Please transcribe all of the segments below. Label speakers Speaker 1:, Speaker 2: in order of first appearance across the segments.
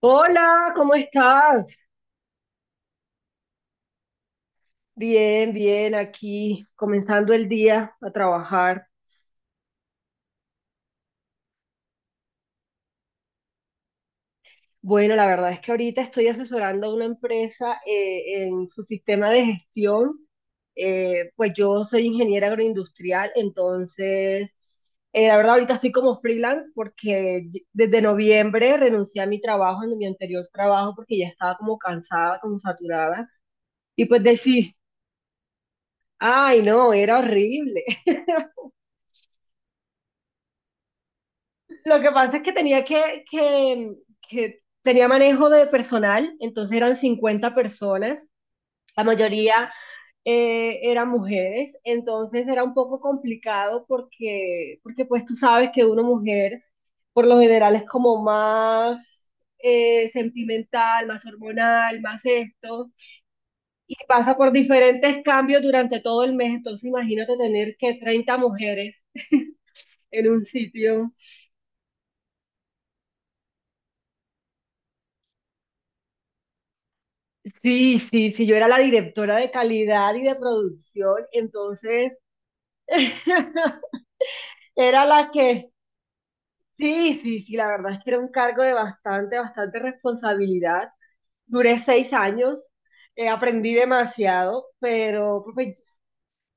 Speaker 1: Hola, ¿cómo estás? Bien, bien, aquí comenzando el día a trabajar. Bueno, la verdad es que ahorita estoy asesorando a una empresa en su sistema de gestión. Pues yo soy ingeniera agroindustrial, entonces, la verdad ahorita estoy como freelance porque desde noviembre renuncié a mi trabajo, en mi anterior trabajo, porque ya estaba como cansada, como saturada. Y pues decir, ay, no, era horrible. Lo que pasa es que que tenía manejo de personal, entonces eran 50 personas, la mayoría eran mujeres, entonces era un poco complicado porque pues tú sabes que una mujer por lo general es como más sentimental, más hormonal, más esto, y pasa por diferentes cambios durante todo el mes, entonces imagínate tener que 30 mujeres en un sitio. Sí, sí, sí, yo era la directora de calidad y de producción, entonces era la que, sí, sí, sí, la verdad es que era un cargo de bastante, bastante responsabilidad. Duré seis años, aprendí demasiado, pero pues,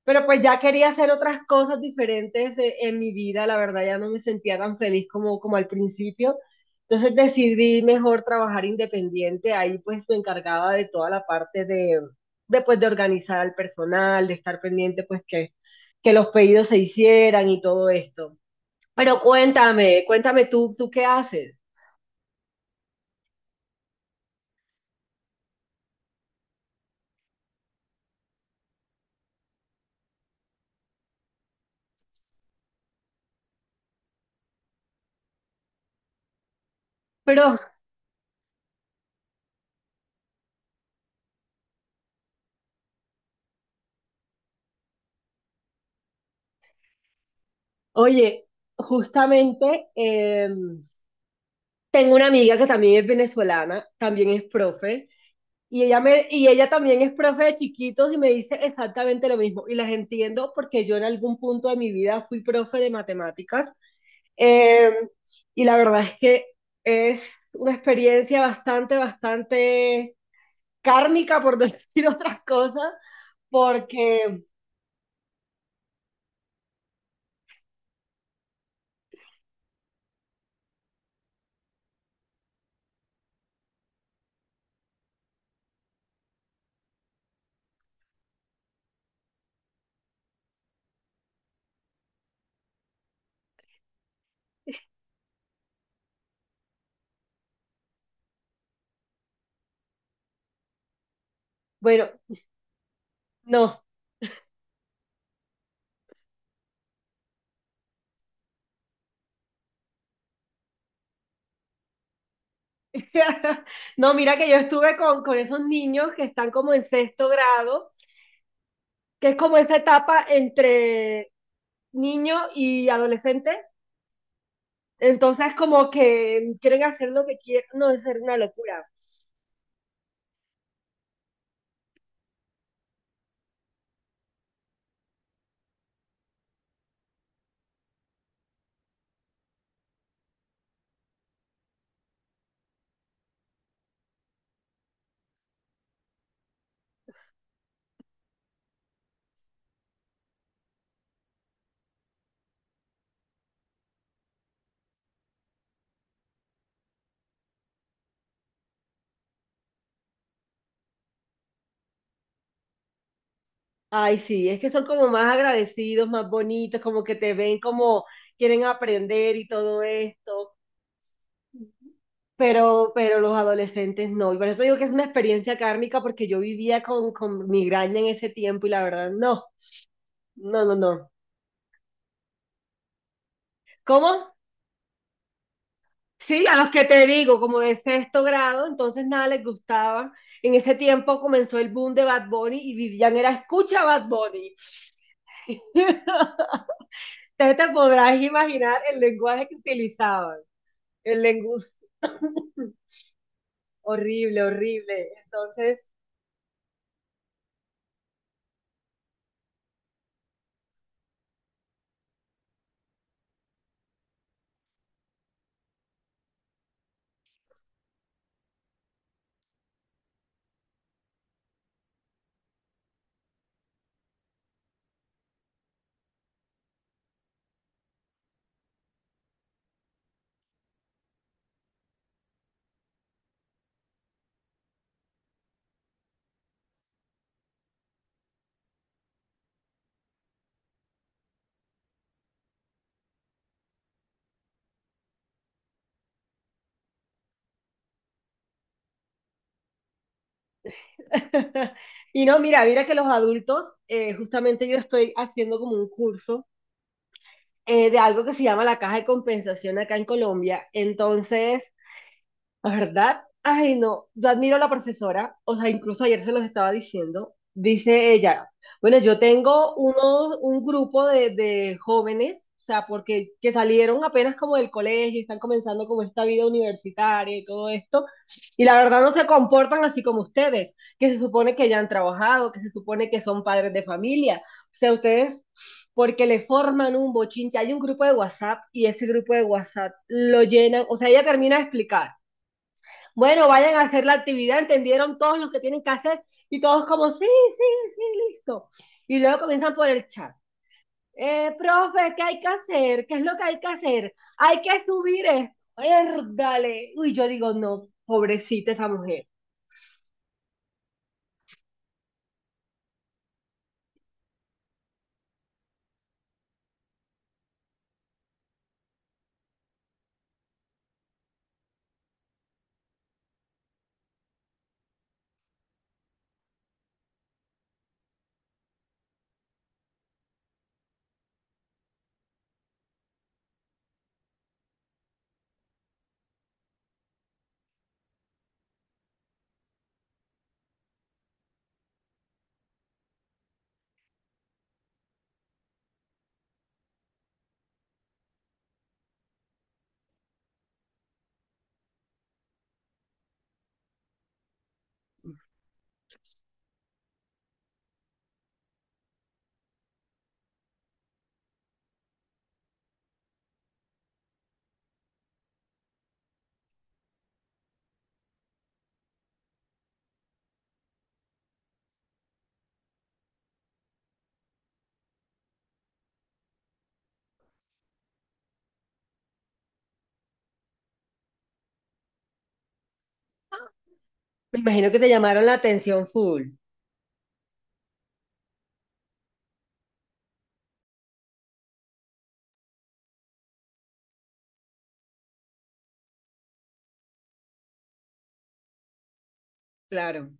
Speaker 1: pero pues ya quería hacer otras cosas diferentes en mi vida, la verdad ya no me sentía tan feliz como, como al principio. Entonces decidí mejor trabajar independiente, ahí pues me encargaba de toda la parte de, pues, de organizar al personal, de estar pendiente pues que los pedidos se hicieran y todo esto. Pero cuéntame, cuéntame tú, ¿tú qué haces? Pero, oye, justamente tengo una amiga que también es venezolana, también es profe. Y ella, me, y ella también es profe de chiquitos y me dice exactamente lo mismo. Y las entiendo porque yo en algún punto de mi vida fui profe de matemáticas. Eh, y la verdad es que es una experiencia bastante, bastante kármica, por decir otras cosas, porque, bueno, no. No, mira que yo estuve con esos niños que están como en sexto grado, que es como esa etapa entre niño y adolescente. Entonces, como que quieren hacer lo que quieren, no, es ser una locura. Ay, sí, es que son como más agradecidos, más bonitos, como que te ven como quieren aprender y todo esto, pero los adolescentes no. Y por eso digo que es una experiencia kármica porque yo vivía con migraña en ese tiempo y la verdad, no, no, no, no. ¿Cómo? Sí, a los que te digo, como de sexto grado, entonces nada les gustaba. En ese tiempo comenzó el boom de Bad Bunny y vivían era escucha Bad Bunny. Entonces te podrás imaginar el lenguaje que utilizaban, el lenguaje horrible, horrible. Entonces, y no, mira, mira que los adultos, justamente yo estoy haciendo como un curso de algo que se llama la caja de compensación acá en Colombia. Entonces, ¿verdad? Ay, no, yo admiro a la profesora, o sea, incluso ayer se los estaba diciendo, dice ella, bueno, yo tengo un grupo de jóvenes, o sea, porque que salieron apenas como del colegio, y están comenzando como esta vida universitaria y todo esto, y la verdad no se comportan así como ustedes, que se supone que ya han trabajado, que se supone que son padres de familia, o sea, ustedes... porque le forman un bochinche, hay un grupo de WhatsApp y ese grupo de WhatsApp lo llenan, o sea, ella termina de explicar bueno, vayan a hacer la actividad, entendieron todos los que tienen que hacer y todos como, sí, sí, sí, listo. Y luego comienzan por el chat. Profe, ¿qué hay que hacer? ¿Qué es lo que hay que hacer? Hay que subir esto. Dale. Uy, yo digo, no, pobrecita esa mujer. Me imagino que te llamaron la atención full, claro.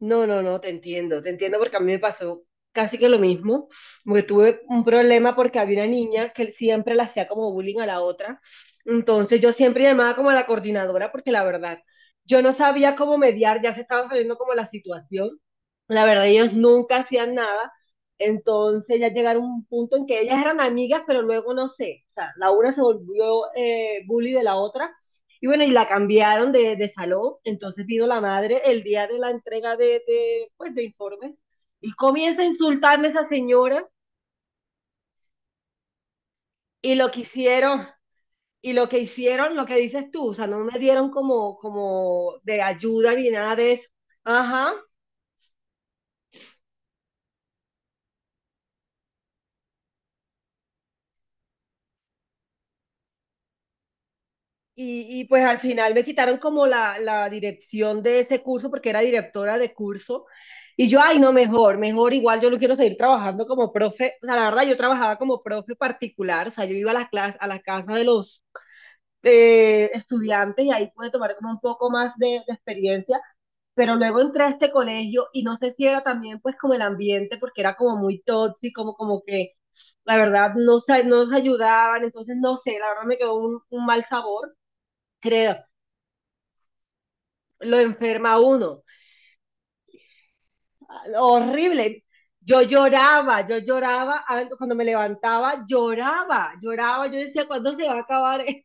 Speaker 1: No, no, no, te entiendo porque a mí me pasó casi que lo mismo, porque tuve un problema porque había una niña que siempre le hacía como bullying a la otra, entonces yo siempre llamaba como a la coordinadora porque la verdad, yo no sabía cómo mediar, ya se estaba saliendo como la situación, la verdad ellos nunca hacían nada, entonces ya llegaron a un punto en que ellas eran amigas, pero luego no sé, o sea, la una se volvió bully de la otra y bueno, y la cambiaron de salón, entonces vino la madre el día de la entrega de, pues, de informes y comienza a insultarme esa señora y lo que hicieron, y lo que hicieron, lo que dices tú, o sea, no me dieron como, como de ayuda ni nada de eso. Ajá, y, pues al final me quitaron como la dirección de ese curso porque era directora de curso. Y yo, ay, no, mejor, mejor, igual yo lo quiero seguir trabajando como profe. O sea, la verdad, yo trabajaba como profe particular, o sea, yo iba a las clases, a la casa de los estudiantes y ahí pude tomar como un poco más de experiencia. Pero luego entré a este colegio y no sé si era también pues como el ambiente, porque era como muy tóxico, como, como que la verdad no, no nos ayudaban, entonces no sé, la verdad me quedó un mal sabor, creo. Lo enferma uno. Horrible. Yo lloraba, cuando me levantaba, lloraba, lloraba, yo decía, ¿cuándo se va a acabar esto?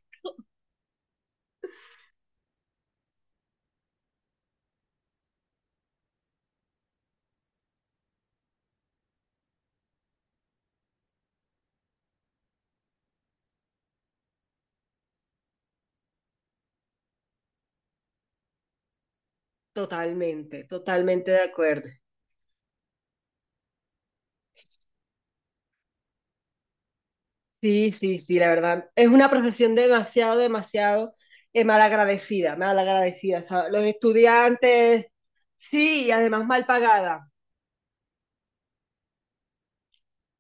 Speaker 1: Totalmente, totalmente de acuerdo. Sí, sí, sí, la verdad. Es una profesión demasiado, demasiado malagradecida, malagradecida. O sea, los estudiantes, sí, y además mal pagada.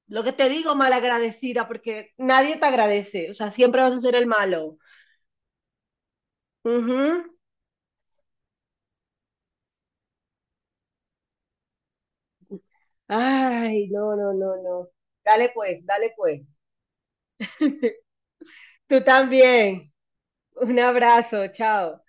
Speaker 1: Lo que te digo, malagradecida, porque nadie te agradece, o sea, siempre vas a ser el malo. Ujú. Ay, no, no, no, no. Dale pues, dale pues. Tú también. Un abrazo, chao.